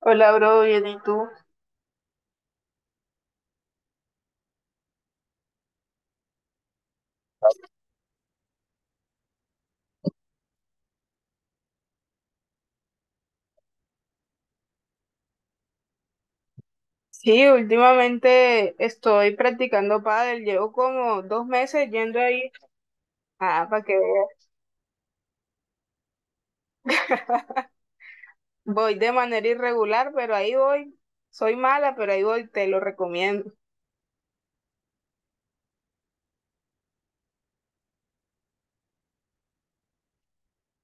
Hola, bro, bien, ¿y tú? Sí, últimamente estoy practicando pádel, llevo como 2 meses yendo ahí, ah, para que veas. Voy de manera irregular, pero ahí voy. Soy mala, pero ahí voy, te lo recomiendo.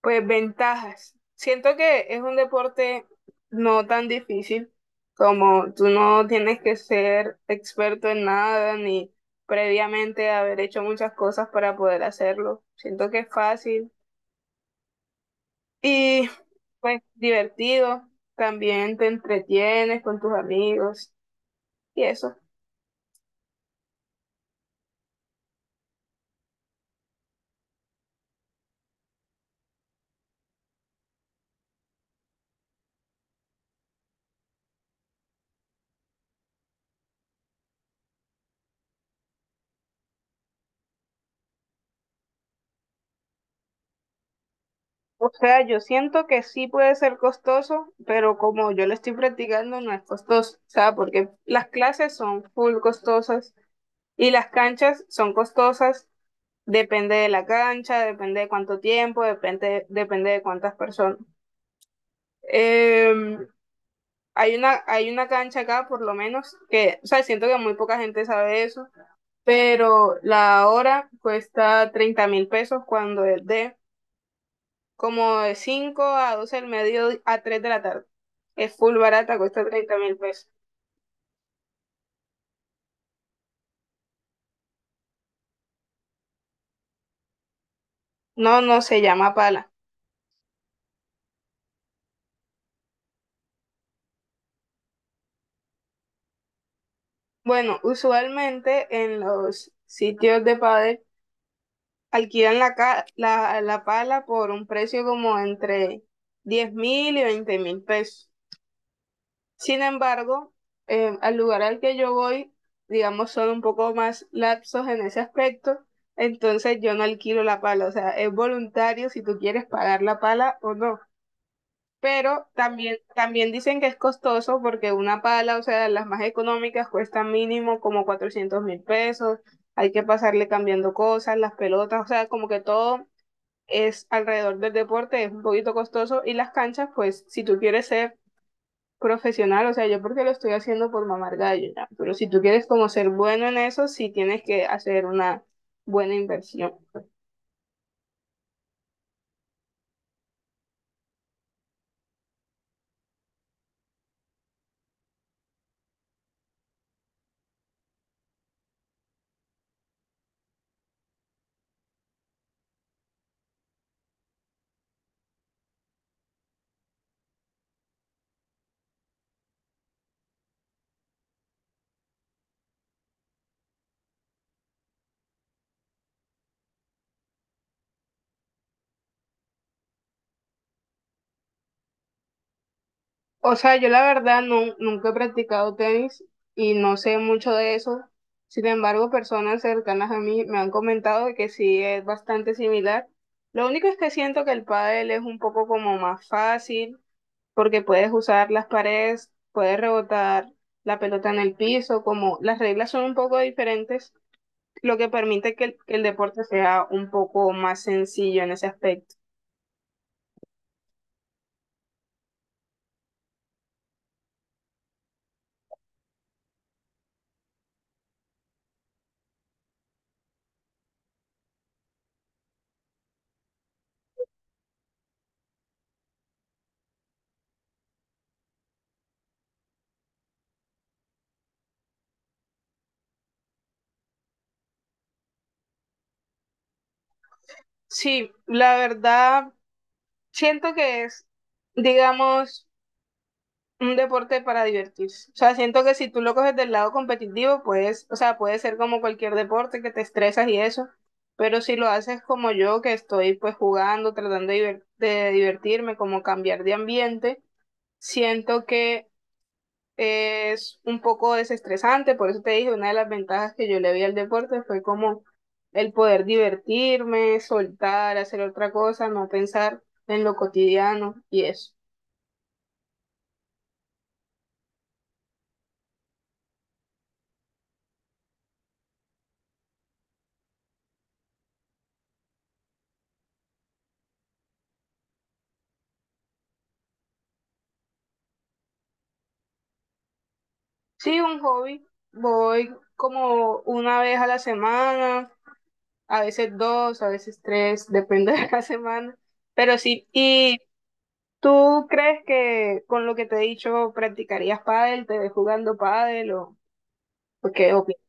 Pues ventajas. Siento que es un deporte no tan difícil, como tú no tienes que ser experto en nada, ni previamente haber hecho muchas cosas para poder hacerlo. Siento que es fácil y pues divertido, también te entretienes con tus amigos y eso. O sea, yo siento que sí puede ser costoso, pero como yo lo estoy practicando no es costoso, o sea, porque las clases son full costosas y las canchas son costosas, depende de la cancha, depende de cuánto tiempo, depende, depende de cuántas personas. Em, hay una cancha acá, por lo menos, que, o sea, siento que muy poca gente sabe eso, pero la hora cuesta 30.000 pesos cuando es de como de 5 a 12 del medio a 3 de la tarde. Es full barata, cuesta 30.000 pesos. No, no se llama pala. Bueno, usualmente en los sitios de pádel alquilan la pala por un precio como entre 10.000 y 20.000 pesos. Sin embargo, al lugar al que yo voy, digamos, son un poco más laxos en ese aspecto, entonces yo no alquilo la pala, o sea, es voluntario si tú quieres pagar la pala o no. Pero también dicen que es costoso porque una pala, o sea, las más económicas cuesta mínimo como 400.000 pesos, hay que pasarle cambiando cosas, las pelotas, o sea, como que todo es alrededor del deporte, es un poquito costoso y las canchas, pues si tú quieres ser profesional, o sea, yo porque lo estoy haciendo por mamar gallo, ya. Pero si tú quieres como ser bueno en eso, sí tienes que hacer una buena inversión. O sea, yo la verdad no, nunca he practicado tenis y no sé mucho de eso. Sin embargo, personas cercanas a mí me han comentado que sí es bastante similar. Lo único es que siento que el pádel es un poco como más fácil porque puedes usar las paredes, puedes rebotar la pelota en el piso, como las reglas son un poco diferentes, lo que permite que el deporte sea un poco más sencillo en ese aspecto. Sí, la verdad, siento que es, digamos, un deporte para divertirse. O sea, siento que si tú lo coges del lado competitivo, pues, o sea, puede ser como cualquier deporte que te estresas y eso, pero si lo haces como yo, que estoy pues jugando, tratando de divertirme, como cambiar de ambiente, siento que es un poco desestresante, por eso te dije, una de las ventajas que yo le vi al deporte fue como el poder divertirme, soltar, hacer otra cosa, no pensar en lo cotidiano y eso. Sí, un hobby, voy como una vez a la semana, a veces dos, a veces tres, depende de la semana, pero sí, y. ¿Tú, crees que con lo que te he dicho practicarías pádel, te ves jugando pádel, o qué opinas?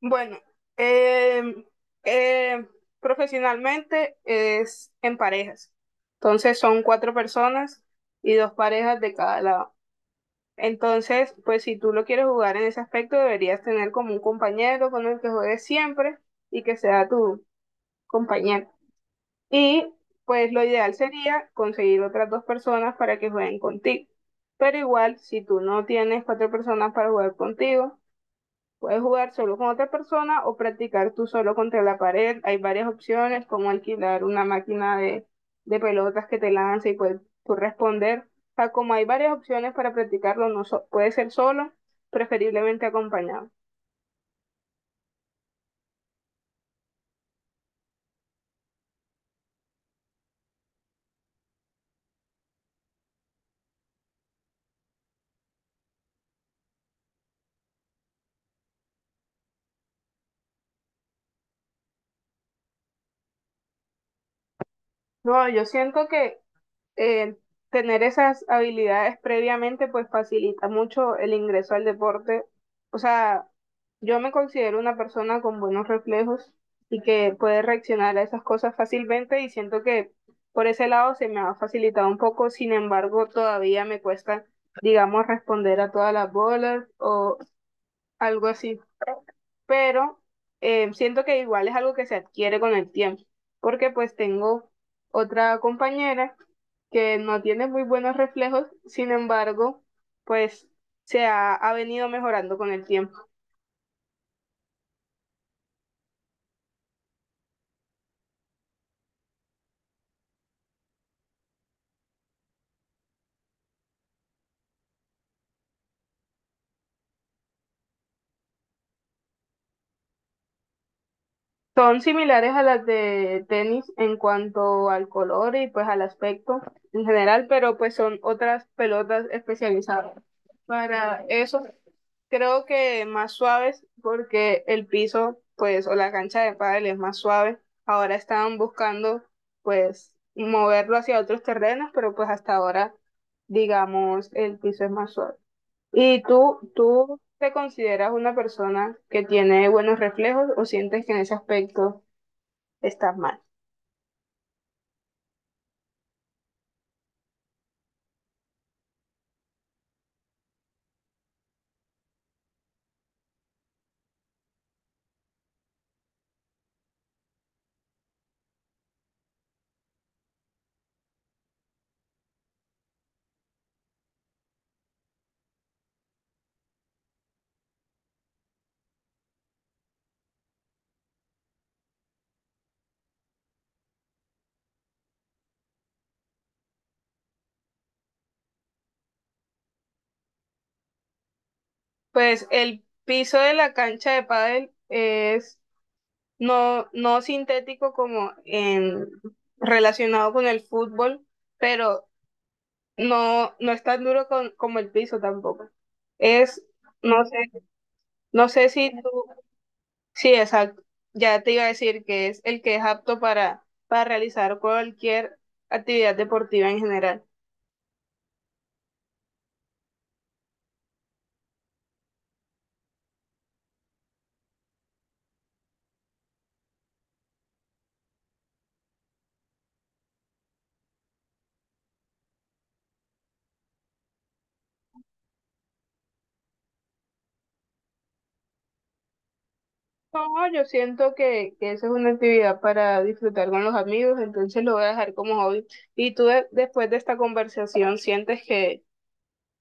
Bueno, eh, eh, profesionalmente es en parejas. Entonces son cuatro personas y dos parejas de cada lado. Entonces, pues si tú lo quieres jugar en ese aspecto, deberías tener como un compañero con el que juegues siempre y que sea tu compañero. Y pues lo ideal sería conseguir otras dos personas para que jueguen contigo. Pero igual, si tú no tienes cuatro personas para jugar contigo, puedes jugar solo con otra persona o practicar tú solo contra la pared. Hay varias opciones, como alquilar una máquina de pelotas que te lanza y puedes tú responder. O sea, como hay varias opciones para practicarlo, no so- puede ser solo, preferiblemente acompañado. No, yo siento que eh, tener esas habilidades previamente pues facilita mucho el ingreso al deporte. O sea, yo me considero una persona con buenos reflejos y que puede reaccionar a esas cosas fácilmente, y siento que por ese lado se me ha facilitado un poco. Sin embargo, todavía me cuesta, digamos, responder a todas las bolas o algo así. Pero siento que igual es algo que se adquiere con el tiempo, porque pues tengo otra compañera que no tiene muy buenos reflejos. Sin embargo, pues se ha venido mejorando con el tiempo. Son similares a las de tenis en cuanto al color y pues al aspecto en general, pero pues son otras pelotas especializadas para eso, creo que más suaves porque el piso, pues, o la cancha de pádel es más suave. Ahora estaban buscando, pues, moverlo hacia otros terrenos, pero pues hasta ahora, digamos, el piso es más suave. ¿Y tú te consideras una persona que tiene buenos reflejos o sientes que en ese aspecto estás mal? Pues el piso de la cancha de pádel es, no, no sintético como en, relacionado con el fútbol, pero no, no es tan duro como el piso tampoco. Es, no sé, no sé si tú, sí, exacto, ya te iba a decir que es el que es apto para realizar cualquier actividad deportiva en general. No, yo siento que eso es una actividad para disfrutar con los amigos, entonces lo voy a dejar como hobby. ¿Y tú después de esta conversación sientes que,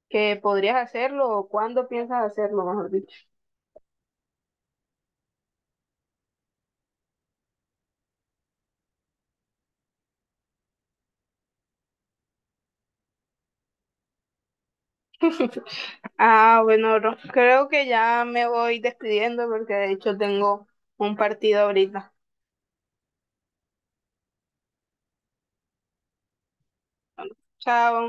que podrías hacerlo, o cuándo piensas hacerlo, mejor dicho? Ah, bueno, creo que ya me voy despidiendo porque de hecho tengo un partido ahorita. Chao.